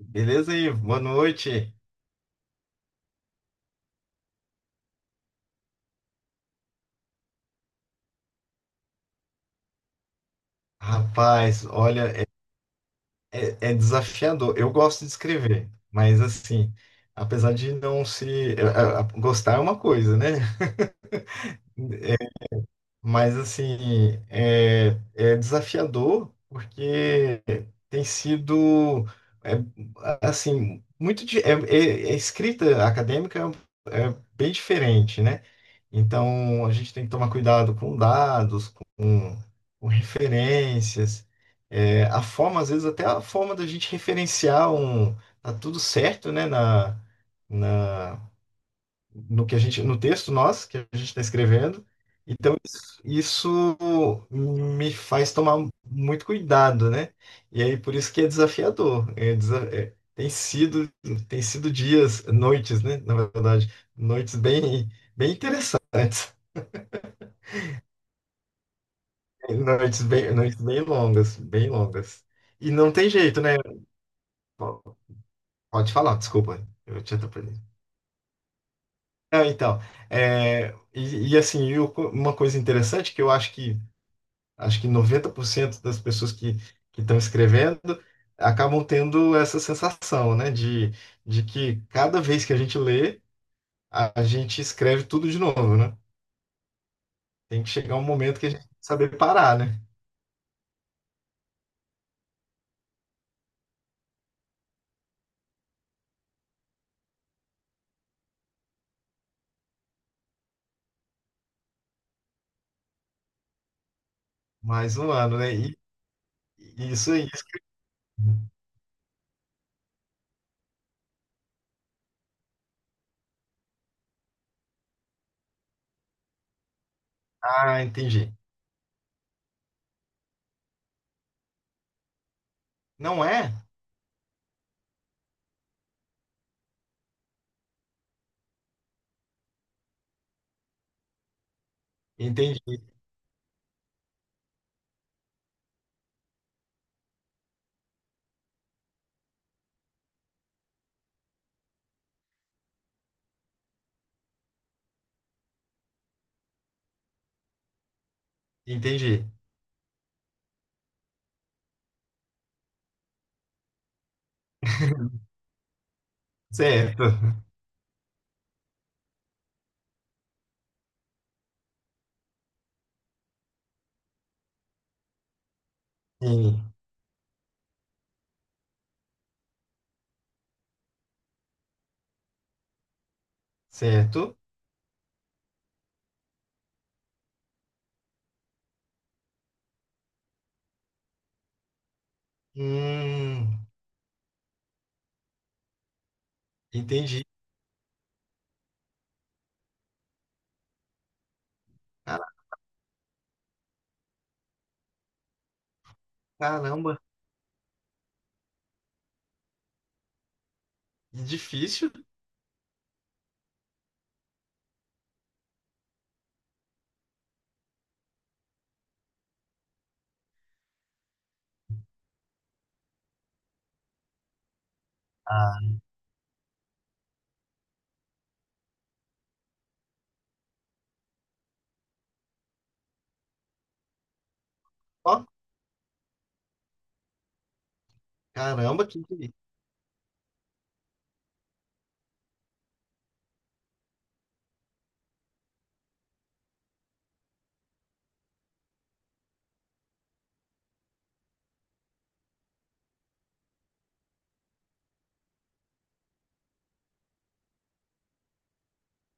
Beleza aí? Boa noite. Rapaz, olha, é desafiador. Eu gosto de escrever, mas assim, apesar de não se. Gostar é uma coisa, né? Mas assim, é desafiador porque tem sido é, assim muito é escrita acadêmica é bem diferente, né? Então a gente tem que tomar cuidado com dados, com referências, é, a forma às vezes até a forma da gente referenciar um tá tudo certo, né? Na, na no que a gente, no texto nosso que a gente está escrevendo. Então isso me faz tomar muito cuidado, né? E aí por isso que é desafiador. Tem sido, tem sido dias, noites, né? Na verdade, noites bem, bem interessantes, noites bem longas, bem longas. E não tem jeito, né? Po- Pode falar, desculpa, eu te atrapalhei. Não, então, é, assim, uma coisa interessante que eu acho que 90% das pessoas que estão escrevendo acabam tendo essa sensação, né, de que cada vez que a gente lê, a gente escreve tudo de novo, né? Tem que chegar um momento que a gente tem que saber parar, né? Mais um ano, né? E isso é isso. Ah, entendi. Não é? Entendi, entendi. Certo. Sim, certo. Hum, entendi. Cara- Caramba, que difícil. Ah, ó, caramba, que.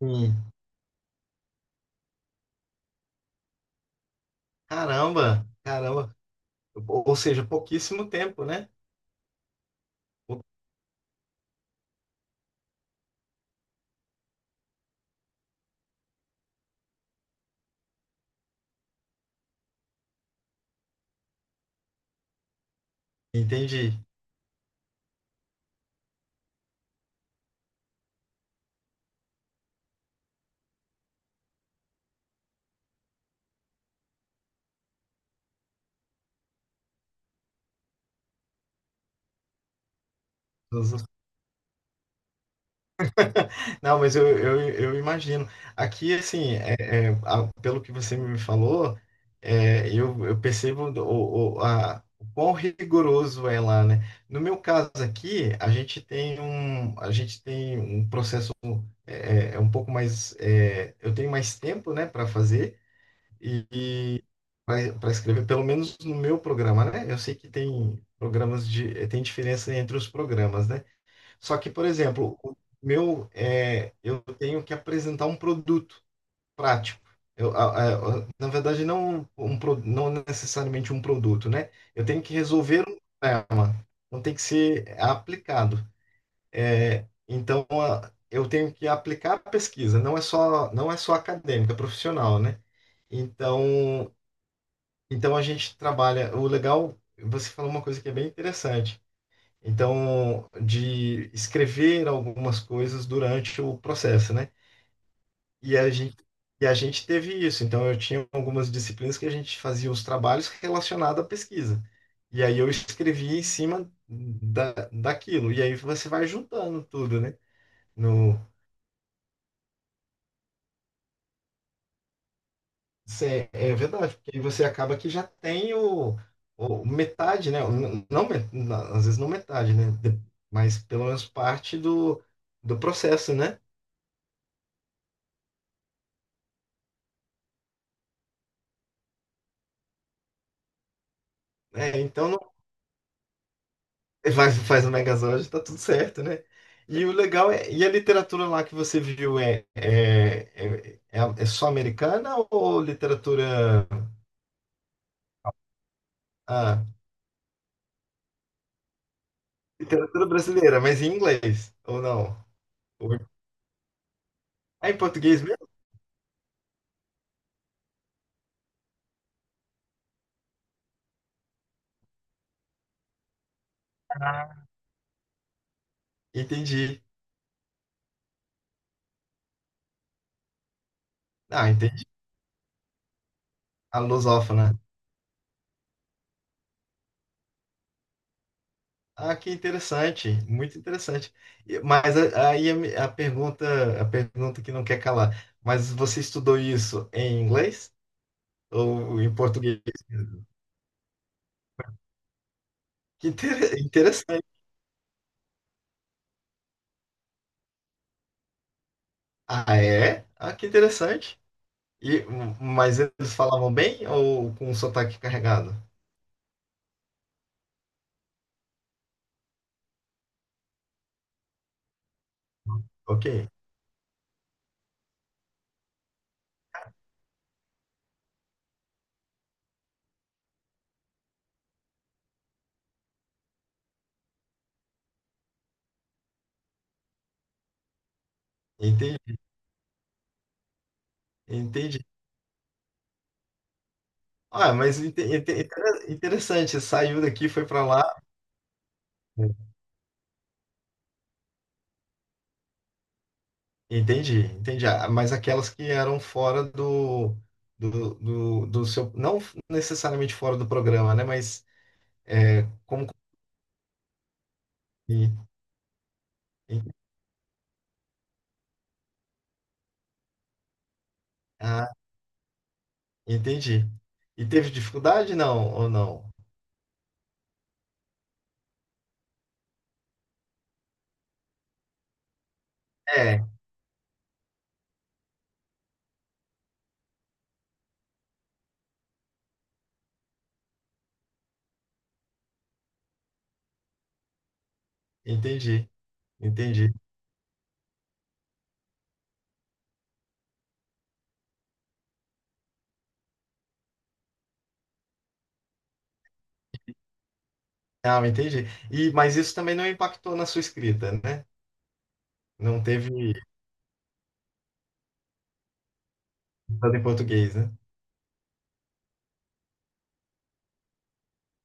Sim. Caramba, caramba. Ou seja, pouquíssimo tempo, né? Entendi. Não, mas eu imagino. Aqui, assim, pelo que você me falou, é, eu percebo o quão rigoroso é lá, né? No meu caso aqui, a gente tem um processo é um pouco mais. É, eu tenho mais tempo, né, para fazer. Para escrever, pelo menos no meu programa, né? Eu sei que tem programas de, tem diferença entre os programas, né? Só que, por exemplo, o meu, é, eu tenho que apresentar um produto prático. Na verdade, não, não necessariamente um produto, né? Eu tenho que resolver um problema, não tem que ser aplicado. É, então, eu tenho que aplicar a pesquisa, não é só acadêmica, é profissional, né? Então, então a gente trabalha. O legal, você falou uma coisa que é bem interessante. Então, de escrever algumas coisas durante o processo, né? E a gente, e a gente teve isso. Então, eu tinha algumas disciplinas que a gente fazia os trabalhos relacionados à pesquisa. E aí eu escrevia em cima daquilo. E aí você vai juntando tudo, né? No, é verdade, porque aí você acaba que já tem o metade, né? Não, às vezes não metade, né? Mas pelo menos parte do, do processo, né? É, então não, faz, faz o Megazord, tá tudo certo, né? E o legal é, e a literatura lá que você viu é só americana ou literatura, ah, literatura brasileira, mas em inglês, ou não? Ou- É em português mesmo? Entendi. Ah, entendi. A lusófona. Ah, que interessante, muito interessante. Mas a pergunta que não quer calar. Mas você estudou isso em inglês ou em português? Interessante. Ah, é? Ah, que interessante. E mas eles falavam bem ou com um sotaque carregado? Ok, entendi, entendi. Ah, mas interessante. Saiu daqui, foi para lá. Entendi, entendi. Ah, mas aquelas que eram fora do seu, não necessariamente fora do programa, né? Mas é, como. e- e- Ah, entendi. E teve dificuldade, não, ou não? É, entendi, entendi. Ah, entendi. E, mas isso também não impactou na sua escrita, né? Não teve nada em português, né?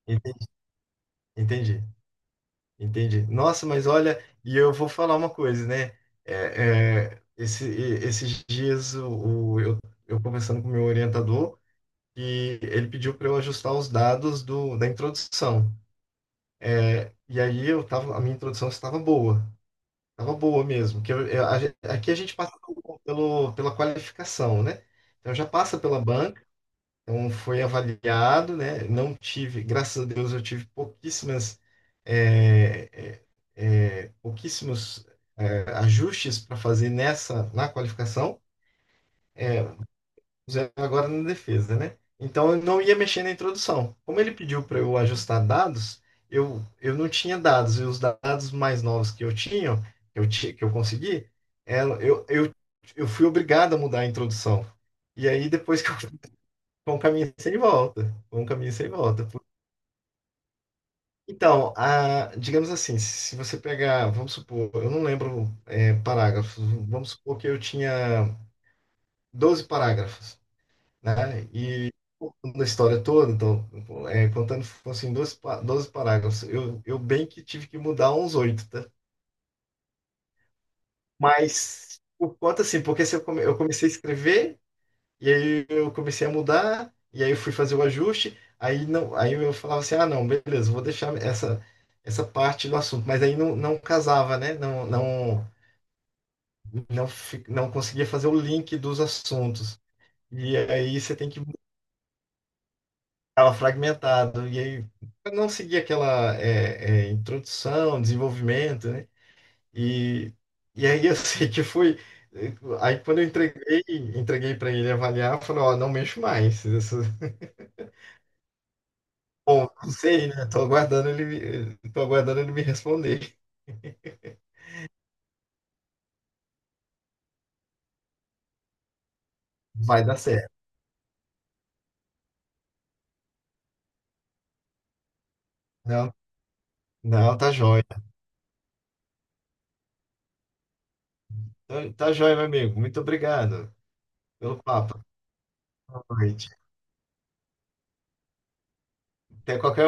Enten- Entendi. Entendi. Nossa, mas olha, e eu vou falar uma coisa, né? Esses dias o- eu, eu conversando com o meu orientador e ele pediu para eu ajustar os dados da introdução. É, e aí eu tava, a minha introdução estava boa mesmo. Que aqui a gente passa pela qualificação, né? Então já passa pela banca. Então, foi avaliado, né? Não tive, graças a Deus, eu tive pouquíssimas, é, pouquíssimos, é, ajustes para fazer na qualificação, é, fizeram agora na defesa, né? Então, eu não ia mexer na introdução. Como ele pediu para eu ajustar dados, eu não tinha dados, e os dados mais novos que eu tinha, que que eu consegui, é, eu, eu, eu fui obrigado a mudar a introdução. E aí, depois que eu foi um caminho sem volta. Foi um caminho sem volta. Então, digamos assim, se você pegar, vamos supor, eu não lembro é, parágrafos, vamos supor que eu tinha 12 parágrafos, né? E contando a história toda, então, é, contando, assim, 12 parágrafos, eu bem que tive que mudar uns 8, tá? Mas, por conta, assim, porque se eu, eu comecei a escrever e aí eu comecei a mudar, e aí eu fui fazer o ajuste, aí não, aí eu falava assim, ah, não, beleza, vou deixar essa parte do assunto, mas aí não, não casava, né? Não, não, não conseguia fazer o link dos assuntos. E aí você tem que ela fragmentado, e aí eu não seguia aquela introdução, desenvolvimento, né? E, e aí eu sei que foi aí quando eu entreguei, entreguei para ele avaliar, eu falei, ó, não mexo mais. Bom, não sei, né? Tô aguardando ele, tô aguardando ele me responder. Vai dar certo. Não, não, tá jóia. Tá, tá jóia, meu amigo. Muito obrigado pelo papo. Boa noite. Até qualquer hora.